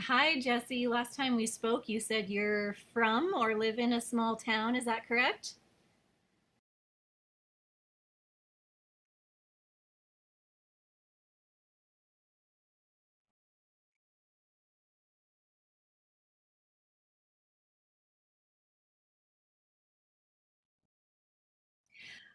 Hi, Jesse. Last time we spoke, you said you're from or live in a small town. Is that correct?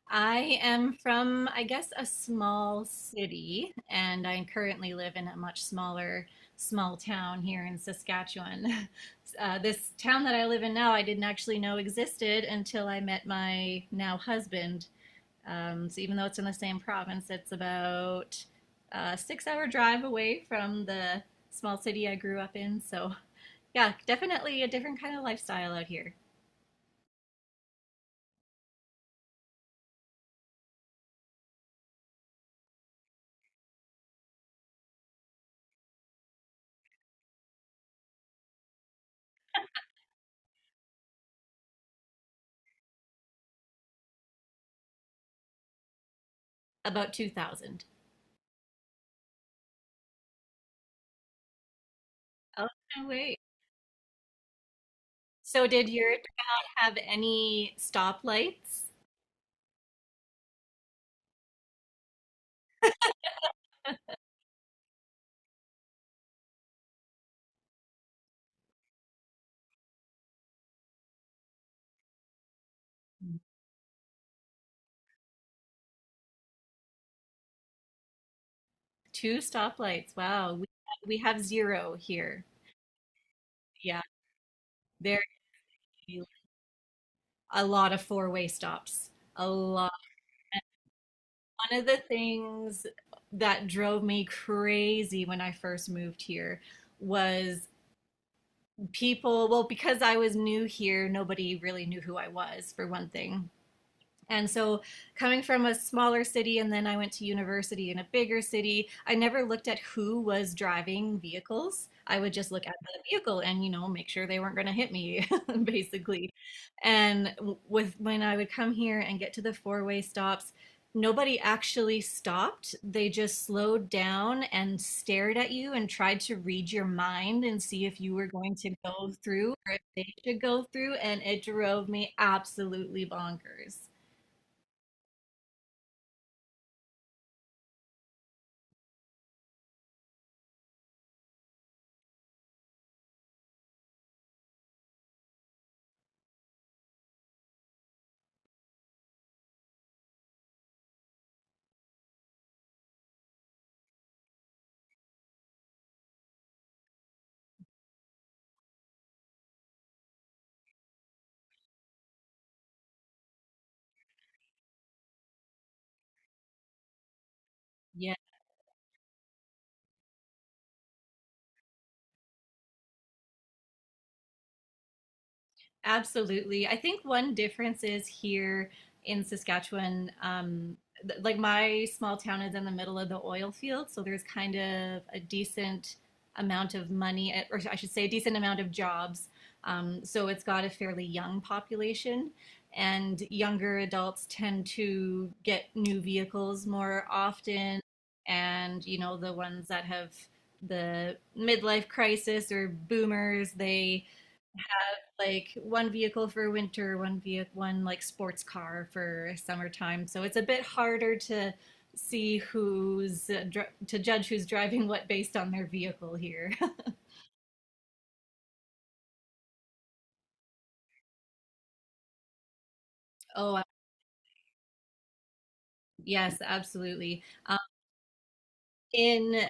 I am from, I guess, a small city, and I currently live in a much smaller small town here in Saskatchewan. This town that I live in now, I didn't actually know existed until I met my now husband. So even though it's in the same province, it's about a 6-hour drive away from the small city I grew up in. So. Yeah, definitely a different kind of lifestyle out here. About 2,000. Oh, no way. So did your town have any stoplights? Two stoplights. Wow. We have zero here. Yeah. There a lot of four-way stops. A lot. One of the things that drove me crazy when I first moved here was people, well, because I was new here, nobody really knew who I was, for one thing. And so, coming from a smaller city, and then I went to university in a bigger city, I never looked at who was driving vehicles. I would just look at the vehicle and, you know, make sure they weren't going to hit me, basically. And w- with when I would come here and get to the four-way stops, nobody actually stopped. They just slowed down and stared at you and tried to read your mind and see if you were going to go through or if they should go through. And it drove me absolutely bonkers. Yeah, absolutely. I think one difference is here in Saskatchewan, like my small town is in the middle of the oil field, so there's kind of a decent amount of money, eh, or I should say, a decent amount of jobs. So it's got a fairly young population, and younger adults tend to get new vehicles more often, and you know, the ones that have the midlife crisis or boomers, they like one vehicle for winter, one vehicle, one like sports car for summertime. So it's a bit harder to see who's to judge who's driving what based on their vehicle here. Oh, yes, absolutely. In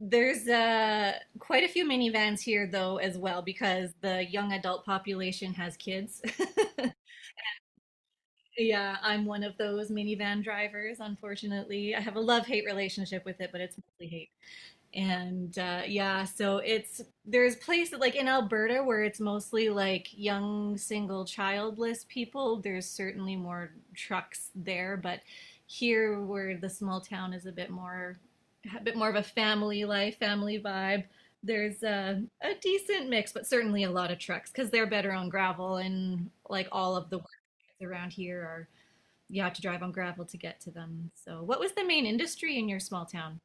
There's quite a few minivans here though as well because the young adult population has kids. Yeah, I'm one of those minivan drivers, unfortunately. I have a love-hate relationship with it, but it's mostly hate. And yeah, so it's there's places like in Alberta where it's mostly like young single childless people. There's certainly more trucks there, but here where the small town is a bit more of a family life, family vibe. There's a decent mix, but certainly a lot of trucks because they're better on gravel, and like all of the work around here are, you have to drive on gravel to get to them. So what was the main industry in your small town?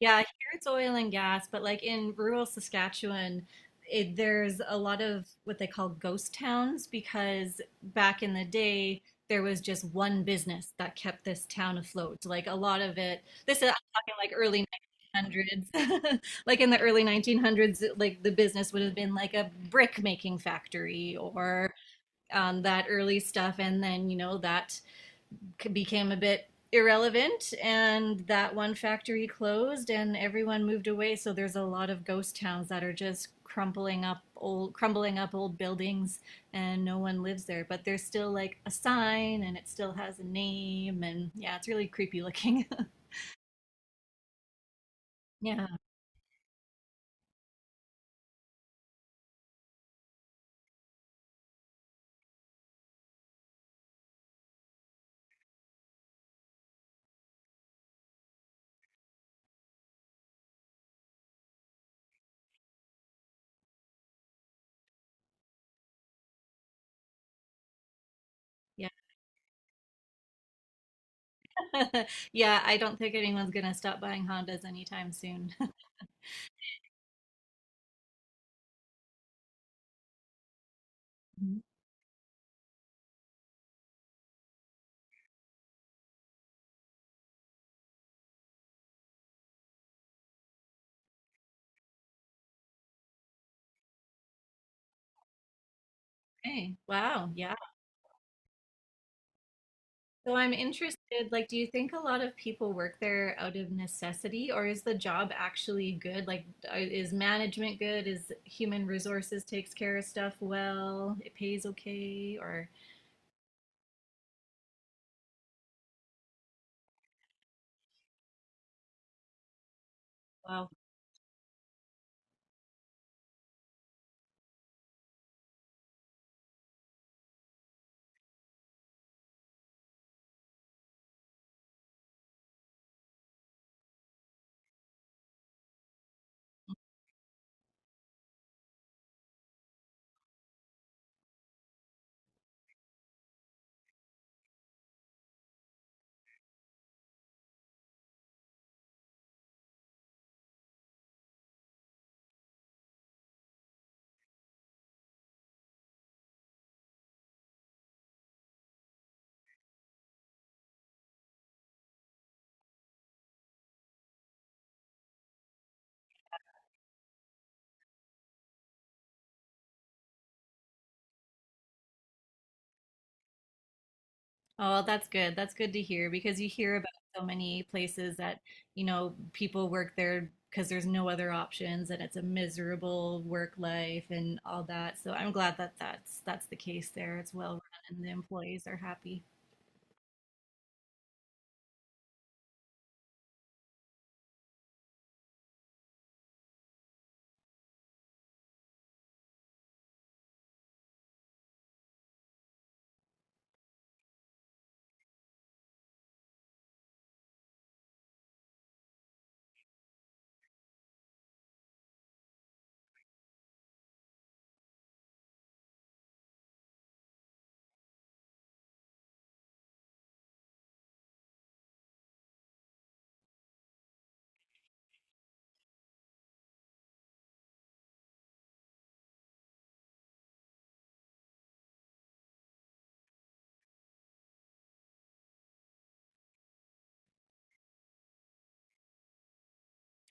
Yeah, here it's oil and gas, but like in rural Saskatchewan, there's a lot of what they call ghost towns because back in the day, there was just one business that kept this town afloat. Like a lot of it, this is, I'm talking like early 1900s. Like in the early 1900s, like the business would have been like a brick making factory or that early stuff. And then, you know, that became a bit irrelevant and that one factory closed and everyone moved away. So there's a lot of ghost towns that are just crumbling up old, crumbling up old buildings, and no one lives there, but there's still like a sign and it still has a name. And yeah, it's really creepy looking. Yeah. Yeah. Yeah, I don't think anyone's going to stop buying Hondas anytime soon. Okay, wow, yeah. So I'm interested, like, do you think a lot of people work there out of necessity, or is the job actually good? Like, is management good? Is human resources takes care of stuff well? It pays okay, or wow. Oh, that's good. That's good to hear because you hear about so many places that, you know, people work there because there's no other options and it's a miserable work life and all that. So I'm glad that that's the case there. It's well run and the employees are happy.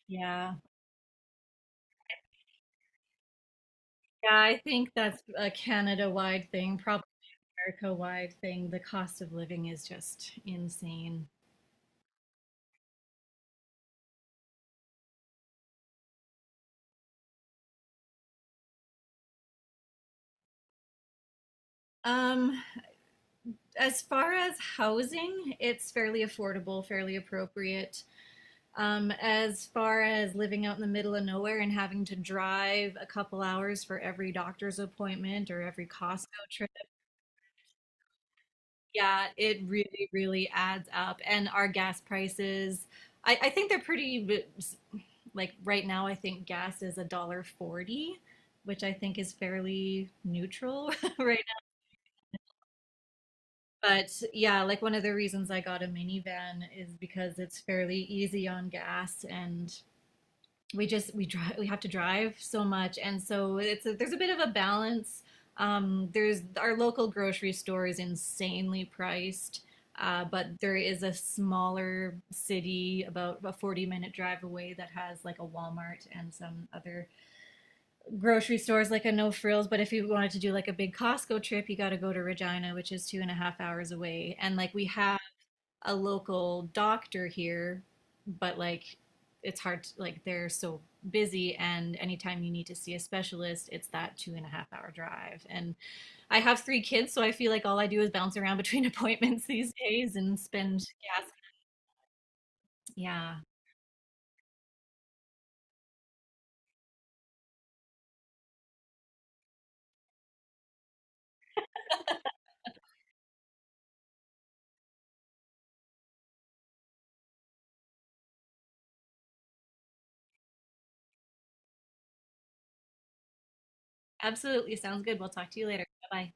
Yeah. Yeah, I think that's a Canada-wide thing, probably America-wide thing. The cost of living is just insane. Um, as far as housing, it's fairly affordable, fairly appropriate. As far as living out in the middle of nowhere and having to drive a couple hours for every doctor's appointment or every Costco trip, yeah, it really, really adds up. And our gas prices, I think they're pretty, like right now I think gas is a dollar forty, which I think is fairly neutral right now. But yeah, like one of the reasons I got a minivan is because it's fairly easy on gas, and we have to drive so much. And so there's a bit of a balance. There's Our local grocery store is insanely priced. But there is a smaller city about a 40-minute drive away that has like a Walmart and some other grocery stores like a No Frills. But if you wanted to do like a big Costco trip, you got to go to Regina, which is 2.5 hours away. And like we have a local doctor here, but like, it's hard to, like they're so busy, and anytime you need to see a specialist, it's that 2.5 hour drive. And I have three kids, so I feel like all I do is bounce around between appointments these days and spend gas. Yeah, absolutely. Sounds good. We'll talk to you later. Bye.